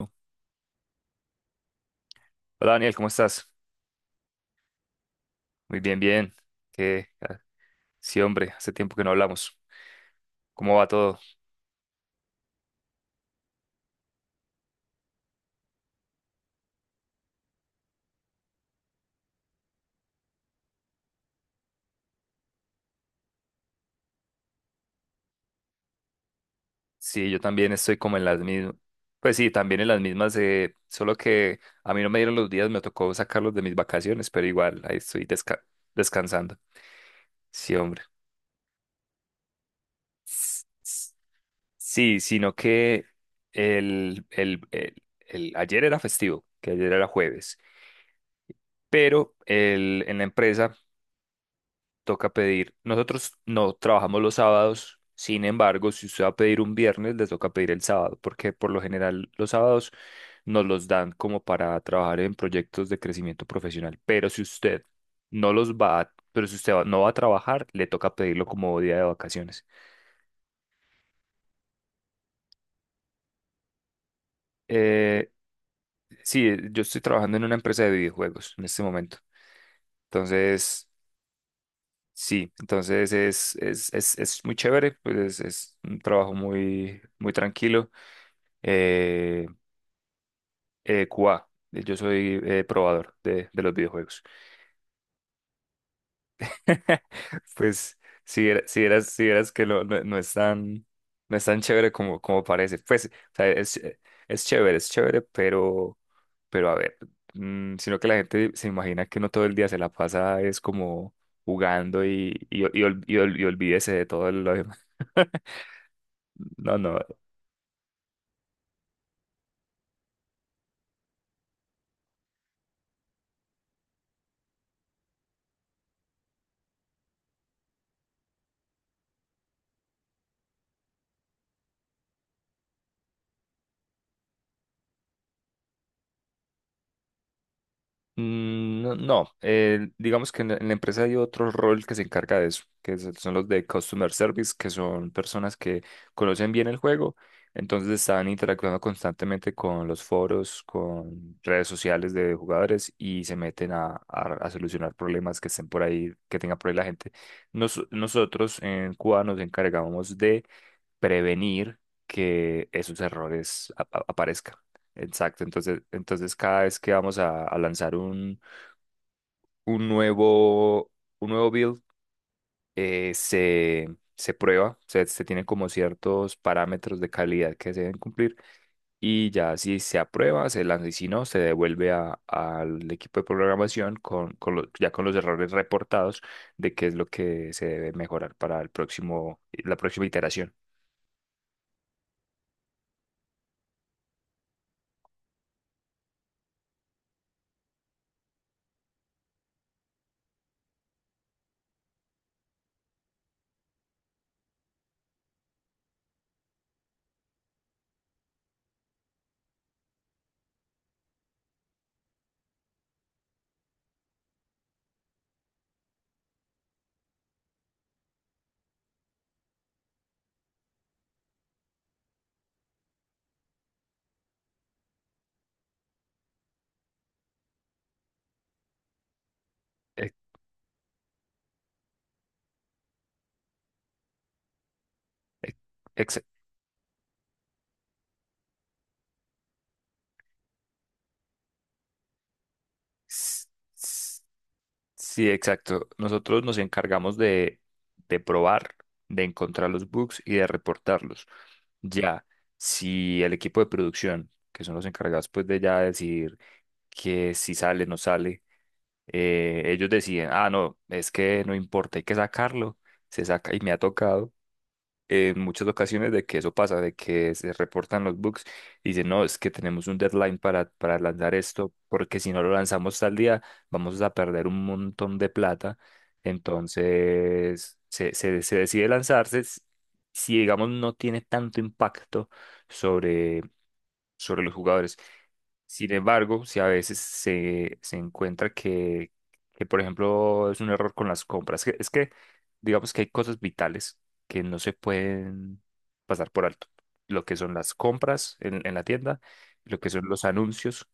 Hola Daniel, ¿cómo estás? Muy bien, bien. Que Sí, hombre, hace tiempo que no hablamos. ¿Cómo va todo? Sí, yo también estoy como en las mismas. Pues sí, también en las mismas, solo que a mí no me dieron los días, me tocó sacarlos de mis vacaciones, pero igual, ahí estoy descansando. Sí, hombre. S- s- Sí, sino que ayer era festivo, que ayer era jueves, pero en la empresa toca pedir. Nosotros no trabajamos los sábados, sin embargo, si usted va a pedir un viernes, le toca pedir el sábado, porque por lo general los sábados nos los dan como para trabajar en proyectos de crecimiento profesional. Pero si usted no los va a- pero no va a trabajar, le toca pedirlo como día de vacaciones. Eh, sí, yo estoy trabajando en una empresa de videojuegos en este momento. Entonces, sí, entonces es muy chévere, pues es un trabajo muy, muy tranquilo. eh, QA. Yo soy probador de los videojuegos. Pues si eras que no es tan, no es tan chévere como, como parece. Pues, o sea, es chévere, pero a ver, sino que la gente se imagina que no todo el día se la pasa es como jugando y olvídese de todo lo demás. No, no. No, no, digamos que en la empresa hay otro rol que se encarga de eso, son los de Customer Service, que son personas que conocen bien el juego, entonces están interactuando constantemente con los foros, con redes sociales de jugadores y se meten a, a solucionar problemas que estén por ahí, que tenga por ahí la gente. Nosotros en Cuba nos encargamos prevenir que esos errores aparezcan. Exacto, entonces, entonces cada vez que vamos a lanzar un nuevo, un nuevo build, se, se prueba, se tienen como ciertos parámetros de calidad que se deben cumplir y ya si se aprueba, se lanza y si no, se devuelve al equipo de programación con, ya con los errores reportados de qué es lo que se debe mejorar para el próximo, la próxima iteración. Ex- ex- S- s- Sí, exacto. Nosotros nos encargamos de probar, de encontrar los bugs y de reportarlos. Ya, si el equipo de producción, que son los encargados pues de ya decidir que si sale, no sale, ellos deciden, ah, no, es que no importa, hay que sacarlo, se saca y me ha tocado en muchas ocasiones de que eso pasa, de que se reportan los bugs y dicen, no, es que tenemos un deadline para lanzar esto, porque si no lo lanzamos tal día, vamos a perder un montón de plata. Entonces, se decide lanzarse. Si, digamos, no tiene tanto impacto sobre, sobre los jugadores. Sin embargo, si a veces se, se encuentra que, por ejemplo, es un error con las compras, es que digamos que hay cosas vitales que no se pueden pasar por alto. Lo que son las compras en la tienda, lo que son los anuncios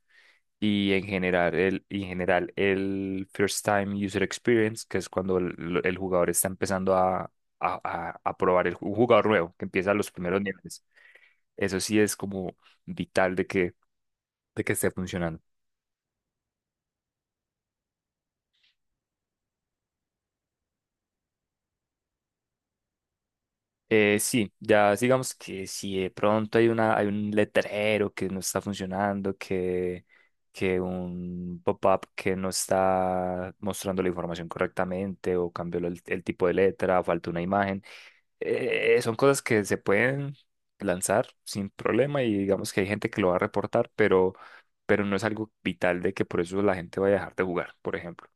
y en general el First Time User Experience, que es cuando el jugador está empezando a, a probar el, un jugador nuevo, que empieza los primeros niveles. Eso sí es como vital de que esté funcionando. Sí, ya digamos que si de pronto hay una, hay un letrero que no está funcionando, que un pop-up que no está mostrando la información correctamente o cambió el tipo de letra, falta una imagen, son cosas que se pueden lanzar sin problema y digamos que hay gente que lo va a reportar, pero no es algo vital de que por eso la gente vaya a dejar de jugar, por ejemplo.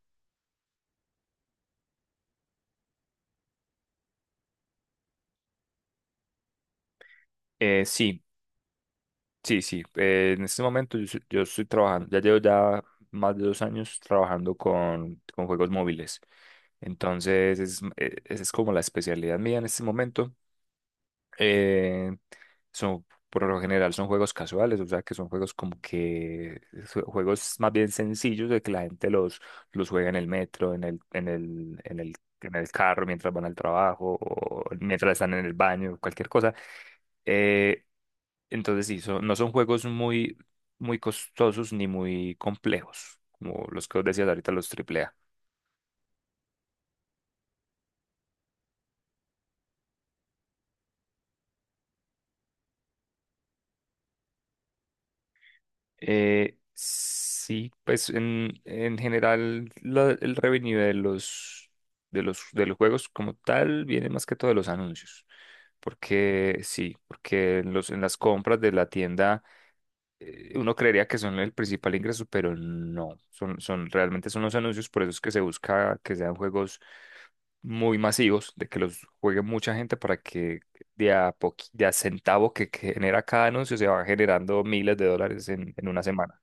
Eh, sí, Sí, sí. En este momento yo estoy trabajando, ya llevo ya más de dos años trabajando con juegos móviles. Entonces, es, esa es como la especialidad mía en este momento. Eh, son, por lo general son juegos casuales, o sea que son juegos como que juegos más bien sencillos de que la gente los juega en el metro, en el carro mientras van al trabajo o mientras están en el baño, cualquier cosa. Eh, entonces sí, no son juegos muy, muy costosos ni muy complejos, como los que os decías ahorita, los AAA. Sí, pues en general el revenue de los, de los, de los juegos como tal viene más que todo de los anuncios. Porque sí, porque en los, en las compras de la tienda uno creería que son el principal ingreso, pero no, realmente son los anuncios, por eso es que se busca que sean juegos muy masivos, de que los juegue mucha gente para que de a centavo que genera cada anuncio se va generando miles de dólares en una semana.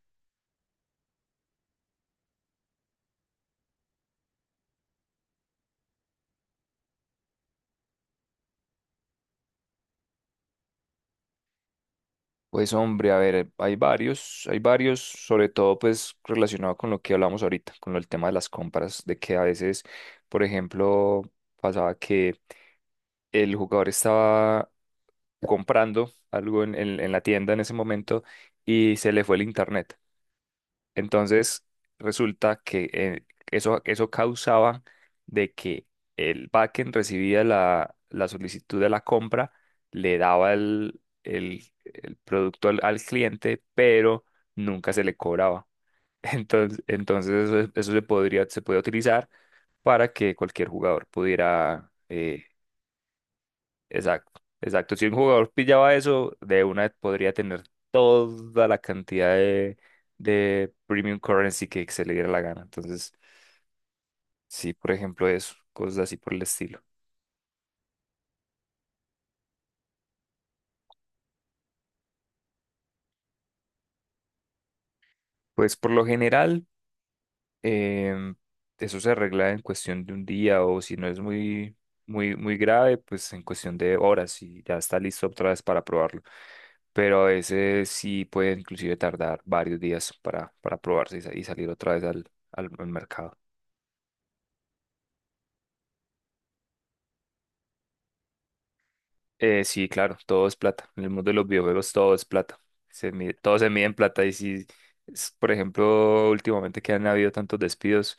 Pues hombre, a ver, hay varios, sobre todo pues relacionado con lo que hablamos ahorita, con el tema de las compras, de que a veces, por ejemplo, pasaba que el jugador estaba comprando algo en, en la tienda en ese momento y se le fue el internet. Entonces, resulta que eso, eso causaba de que el backend recibía la, la solicitud de la compra, le daba el, el producto al, al cliente, pero nunca se le cobraba. Entonces, entonces eso se podría, se puede utilizar para que cualquier jugador pudiera Exacto, exacto. Si un jugador pillaba eso, de una podría tener toda la cantidad de premium currency que se le diera la gana. Entonces, sí, por ejemplo, eso, cosas así por el estilo. Pues por lo general, em, eso se arregla en cuestión de un día o si no es muy, muy, muy grave, pues en cuestión de horas y ya está listo otra vez para probarlo. Pero a veces sí puede inclusive tardar varios días para probarse y, y salir otra vez al, al mercado. Sí, claro, todo es plata. En el mundo de los videojuegos todo es plata. Todo se mide en plata. Y si, por ejemplo, últimamente que han habido tantos despidos,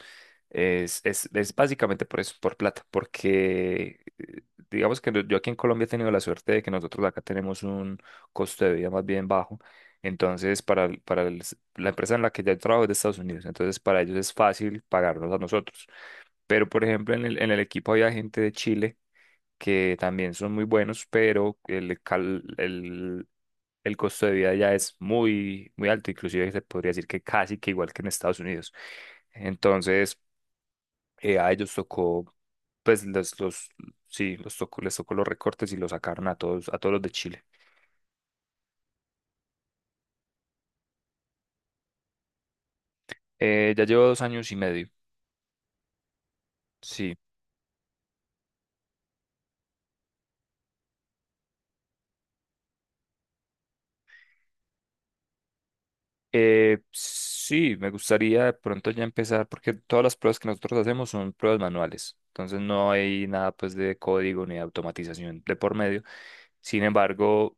es básicamente por eso, por plata. Porque digamos que no, yo aquí en Colombia he tenido la suerte de que nosotros acá tenemos un costo de vida más bien bajo. Entonces, la empresa en la que yo trabajo es de Estados Unidos. Entonces, para ellos es fácil pagarnos a nosotros. Pero, por ejemplo, en el equipo había gente de Chile que también son muy buenos, pero el costo de vida ya es muy, muy alto, inclusive se podría decir que casi que igual que en Estados Unidos. Entonces, a ellos tocó, pues sí, les tocó los recortes y los sacaron a todos los de Chile. Ya llevo dos años y medio, sí. Sí, me gustaría de pronto ya empezar, porque todas las pruebas que nosotros hacemos son pruebas manuales, entonces no hay nada pues de código ni de automatización de por medio. Sin embargo,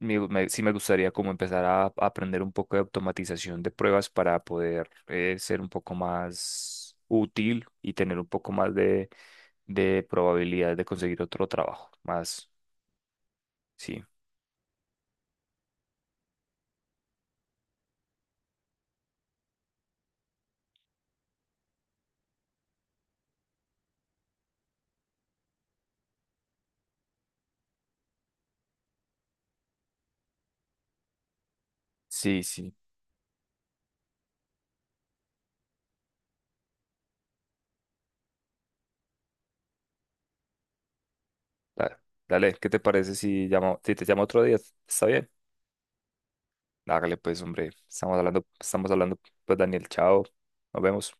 sí me gustaría como empezar a aprender un poco de automatización de pruebas para poder ser un poco más útil y tener un poco más de probabilidad de conseguir otro trabajo, más, sí. Sí, sí. Dale, dale, ¿qué te parece si llamo, si te llamo otro día? ¿Está bien? Hágale pues, hombre. Estamos hablando, pues Daniel, chao. Nos vemos.